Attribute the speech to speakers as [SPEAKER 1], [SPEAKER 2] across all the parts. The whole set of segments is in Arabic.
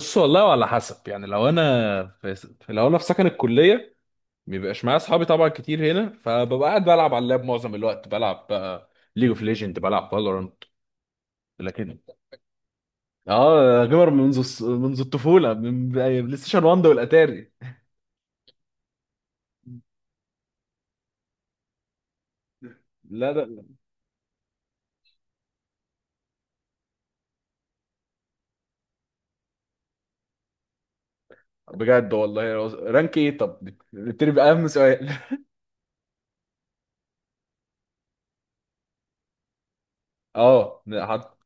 [SPEAKER 1] بص والله، وعلى حسب يعني. لو انا لو انا في سكن الكليه، مبيبقاش معايا اصحابي طبعا كتير هنا، فببقى قاعد بلعب على اللاب معظم الوقت. بلعب بقى ليج اوف ليجند، بلعب فالورانت. لكن اه، جيمر منذ منذ الطفوله، من بلاي ستيشن 1 والاتاري. لا لا، بجد والله؟ رانك ايه؟ طب نبتدي باهم سؤال. اه. حط.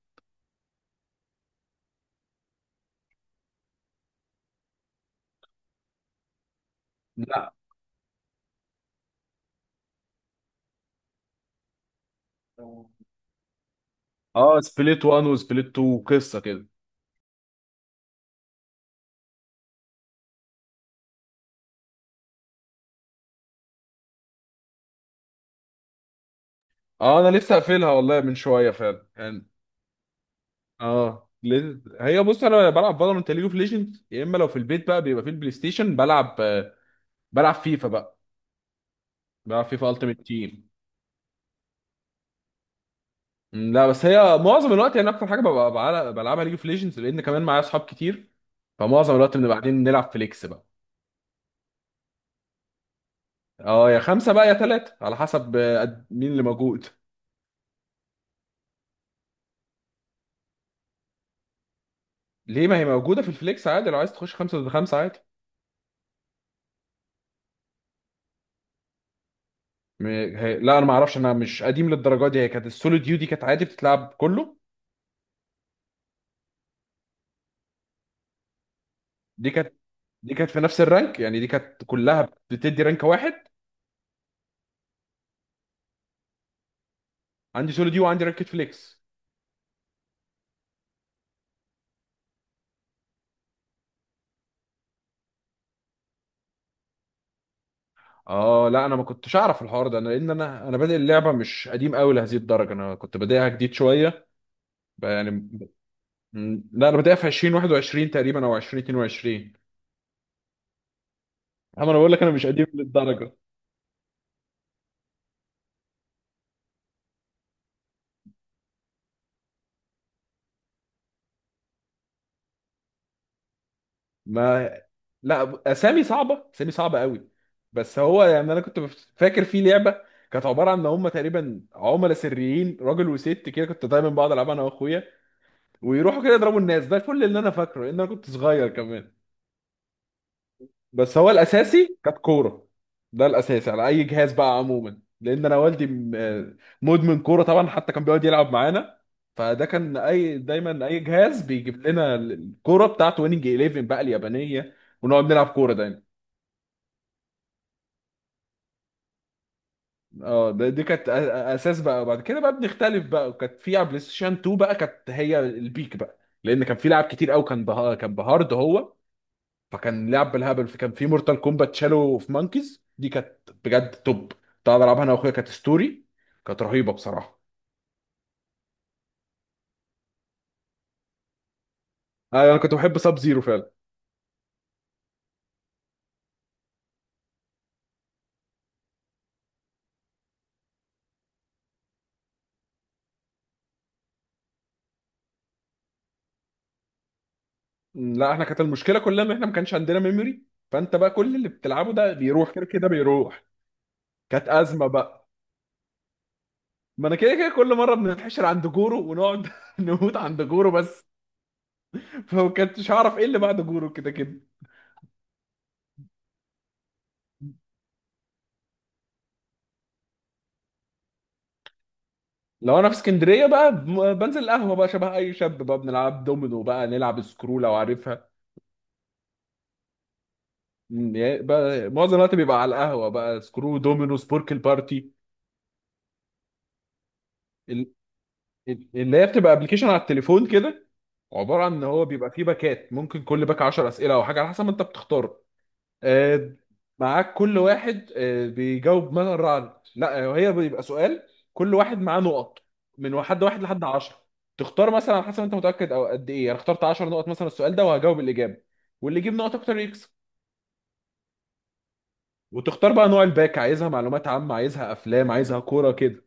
[SPEAKER 1] لا. اه، سبليت 1 وسبليت 2، قصه كده. اه، انا لسه قافلها والله من شويه فعلا يعني. اه، هي بص، انا بلعب فالورانت ليج اوف ليجندز. يا اما لو في البيت بقى، بيبقى في البلاي ستيشن بلعب بلعب فيفا بقى، بلعب فيفا التيمت تيم. لا، بس هي معظم الوقت يعني، اكتر حاجه ببقى بلعبها ليج اوف ليجندز، لان كمان معايا اصحاب كتير. فمعظم الوقت بنبقى قاعدين نلعب فليكس بقى. اه، يا خمسه بقى يا ثلاثه على حسب مين اللي موجود. ليه؟ ما هي موجوده في الفليكس عادي. لو عايز تخش خمسه ضد خمسه، عادي. م- لا، انا ما اعرفش، انا مش قديم للدرجه دي. هي كانت السولو ديو دي كانت عادي بتتلعب كله. دي كانت دي كانت في نفس الرانك، يعني دي كانت كلها بتدي رانك واحد. عندي سولو دي، وعندي رانكت فليكس. اه لا، انا ما كنتش اعرف الحوار ده، انا لان انا بادئ اللعبه، مش قديم قوي لهذه الدرجه، انا كنت بادئها جديد شويه. يعني لا، انا بادئها في 2021 تقريبا او 2022. اما انا بقول لك انا مش قديم للدرجه. ما لا، اسامي صعبه، اسامي صعبه قوي. بس هو يعني انا كنت فاكر في لعبه، كانت عباره عن ان هم تقريبا عملاء سريين، راجل وست كده. كنت دايما بقعد العبها انا واخويا، ويروحوا كده يضربوا الناس. ده كل اللي انا فاكره لان انا كنت صغير كمان. بس هو الاساسي كانت كوره، ده الاساسي على اي جهاز بقى عموما، لان انا والدي مدمن كوره طبعا، حتى كان بيقعد يلعب معانا. فده كان اي، دايما اي جهاز بيجيب لنا الكوره بتاعته، ويننج 11 بقى اليابانيه، ونقعد نلعب كوره دايما. اه، دي كانت اساس بقى. بعد كده بقى بنختلف بقى، وكانت في على بلاي ستيشن 2 بقى كانت هي البيك بقى، لان كان في لعب كتير قوي، كان بها، كان بهارد هو. فكان لعب بالهبل، فكان في مورتال كومبات، شالو في مانكيز دي كانت بجد توب. كنت قاعد العبها انا واخويا، كانت ستوري كانت رهيبه بصراحه. انا كنت بحب ساب زيرو فعلا. لا، احنا كانت المشكله كلها ان احنا ما كانش عندنا ميموري، فانت بقى كل اللي بتلعبه ده بيروح، كده كده بيروح. كانت ازمه بقى. ما انا كده كده كل مره بنتحشر عند جورو، ونقعد نموت عند جورو بس، فما كنتش هعرف ايه اللي بعد جورو كده كده. لو انا في اسكندريه بقى، بنزل القهوه بقى شبه اي شاب بقى، بنلعب دومينو بقى، نلعب سكرو لو عارفها. مم، يعني بقى معظم الوقت بيبقى على القهوه بقى، سكرو، دومينو، سبوركل بارتي. ال- اللي هي بتبقى ابلكيشن على التليفون كده، عباره عن ان هو بيبقى فيه باكات، ممكن كل باك 10 اسئله او حاجه على حسب ما انت بتختار. آه، معاك كل واحد بيجاوب مثلا الرعد. لا، هي بيبقى سؤال، كل واحد معاه نقط من واحد واحد لحد 10. تختار مثلا على حسب انت متاكد، او قد ايه. انا اخترت 10 نقط مثلا السؤال ده وهجاوب الاجابه، واللي يجيب نقط اكتر يكسب. وتختار بقى نوع الباك، عايزها معلومات عامه، عايزها افلام، عايزها كوره كده.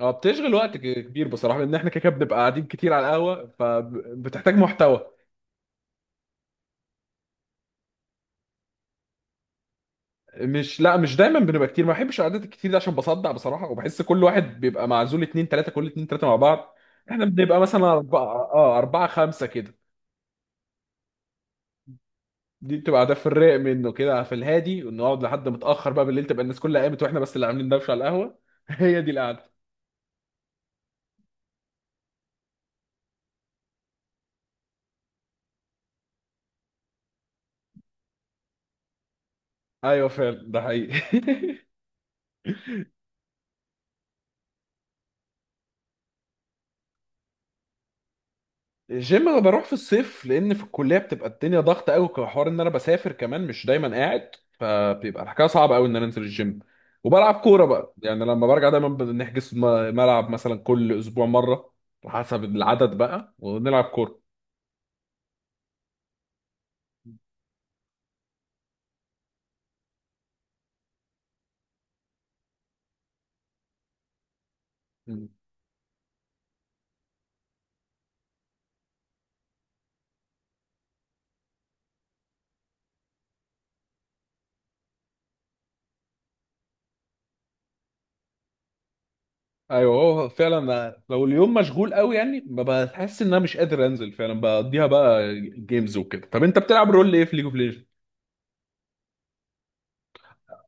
[SPEAKER 1] اه، بتشغل وقت كبير بصراحه، لان احنا كده كده بنبقى قاعدين كتير على القهوه، فبتحتاج محتوى. مش، لا، مش دايما بنبقى كتير. ما بحبش القعدات الكتير دي عشان بصدع بصراحه، وبحس كل واحد بيبقى معزول اتنين تلاته، كل اتنين تلاته مع بعض. احنا بنبقى مثلا اربعه، اه اربعه خمسه كده. دي بتبقى قعدات في الرايق منه كده، في الهادي، ونقعد لحد متاخر بقى بالليل، تبقى الناس كلها قامت واحنا بس اللي عاملين دوشه على القهوه هي دي القعده. ايوه فعلا، ده حقيقي الجيم انا بروح في الصيف، لان في الكليه بتبقى الدنيا ضغط قوي، كحوار ان انا بسافر كمان، مش دايما قاعد، فبيبقى الحكايه صعبه قوي ان انا انزل الجيم. وبلعب كوره بقى يعني لما برجع، دايما بنحجز ملعب مثلا كل اسبوع مره، حسب العدد بقى، ونلعب كوره. مم. ايوه، هو فعلا لو اليوم مشغول قوي يعني، بحس ان انا مش قادر انزل فعلا، بقضيها بقى جيمز وكده. طب انت بتلعب رول ايه في ليج اوف؟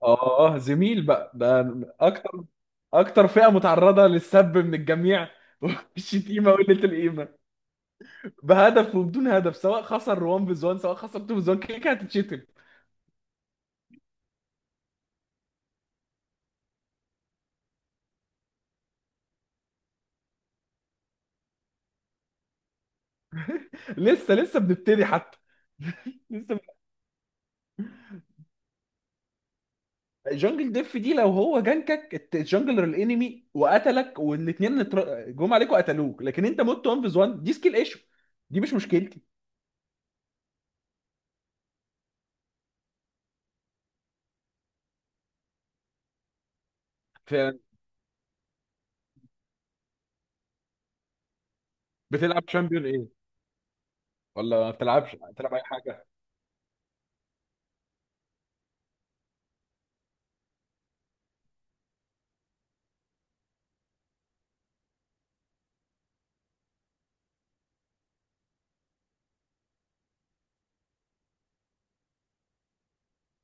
[SPEAKER 1] اه، زميل بقى ده. اكتر، اكتر فئة متعرضة للسب من الجميع والشتيمة وقلة القيمة. بهدف وبدون هدف، سواء خسر 1 فيز 1، سواء خسر 2 فيز 1، كده كده هتتشتم. لسه، لسه بنبتدي حتى. لسه بن- جانجل ديف دي، لو هو جنكك الجانجلر الانمي وقتلك، والاثنين جم عليك وقتلوك، لكن انت مت 1 فيز 1، دي سكيل ايشو، دي مش مشكلتي. ف- بتلعب شامبيون ايه؟ ولا ما بتلعبش، بتلعب اي حاجة؟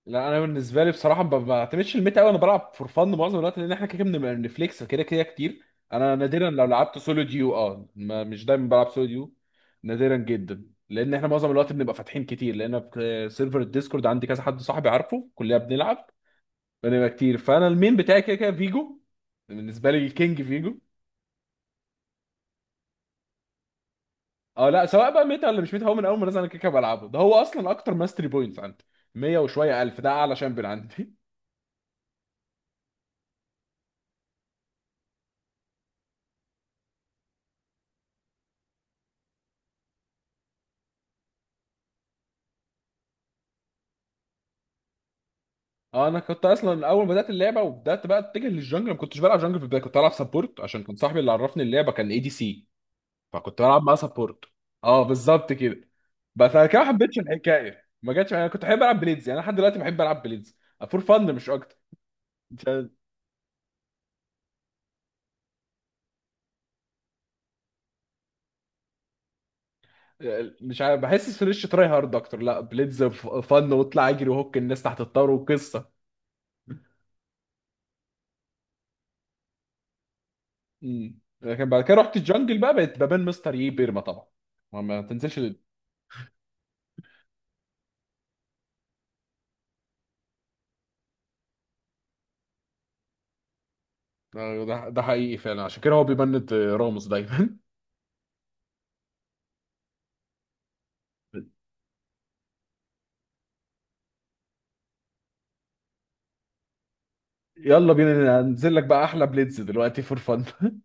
[SPEAKER 1] لا، انا بالنسبه لي بصراحه ما بعتمدش الميت قوي، انا بلعب فور فن معظم الوقت، لان احنا كده كده بنبقى بنفليكس كده كده كتير. انا نادرا لو لعبت سولو ديو، اه، ما مش دايما بلعب سولو ديو، نادرا جدا، لان احنا معظم الوقت بنبقى فاتحين كتير، لان في سيرفر الديسكورد عندي كذا حد صاحبي، عارفه كلنا بنلعب، بنبقى كتير. فانا المين بتاعي كده كده فيجو، بالنسبه لي الكينج فيجو. اه لا، سواء بقى ميتا ولا مش ميتا، هو من اول ما نزل انا كده كده بلعبه، ده هو اصلا اكتر ماستري بوينتس عندي، 100 وشويه الف، ده اعلى شامبيون عندي اه، انا كنت اصلا اول ما بدات اللعبه وبدات بقى اتجه للجنجل، ما كنتش بلعب جنجل في البدايه، كنت بلعب سبورت، عشان كان صاحبي اللي عرفني اللعبه كان اي دي سي، فكنت بلعب معاه سبورت. اه، بالظبط كده. بس انا كده ما حبيتش الحكايه، ما جاتش، انا كنت بحب العب بليدز، يعني انا لحد دلوقتي بحب العب بليدز فور فن مش اكتر. مش مش عارف، بحس سريش تراي هارد اكتر. لا بليدز فن، واطلع اجري، وهوك الناس تحت الطار وقصه. امم. لكن بعد كده رحت الجنجل بقى، بقيت ببان مستر يي بيرما طبعا، ما ما تنساش. ده ده حقيقي فعلا، عشان كده هو بيبند راموس دايما. يلا بينا، ننزل لك بقى احلى بليدز دلوقتي فور فن.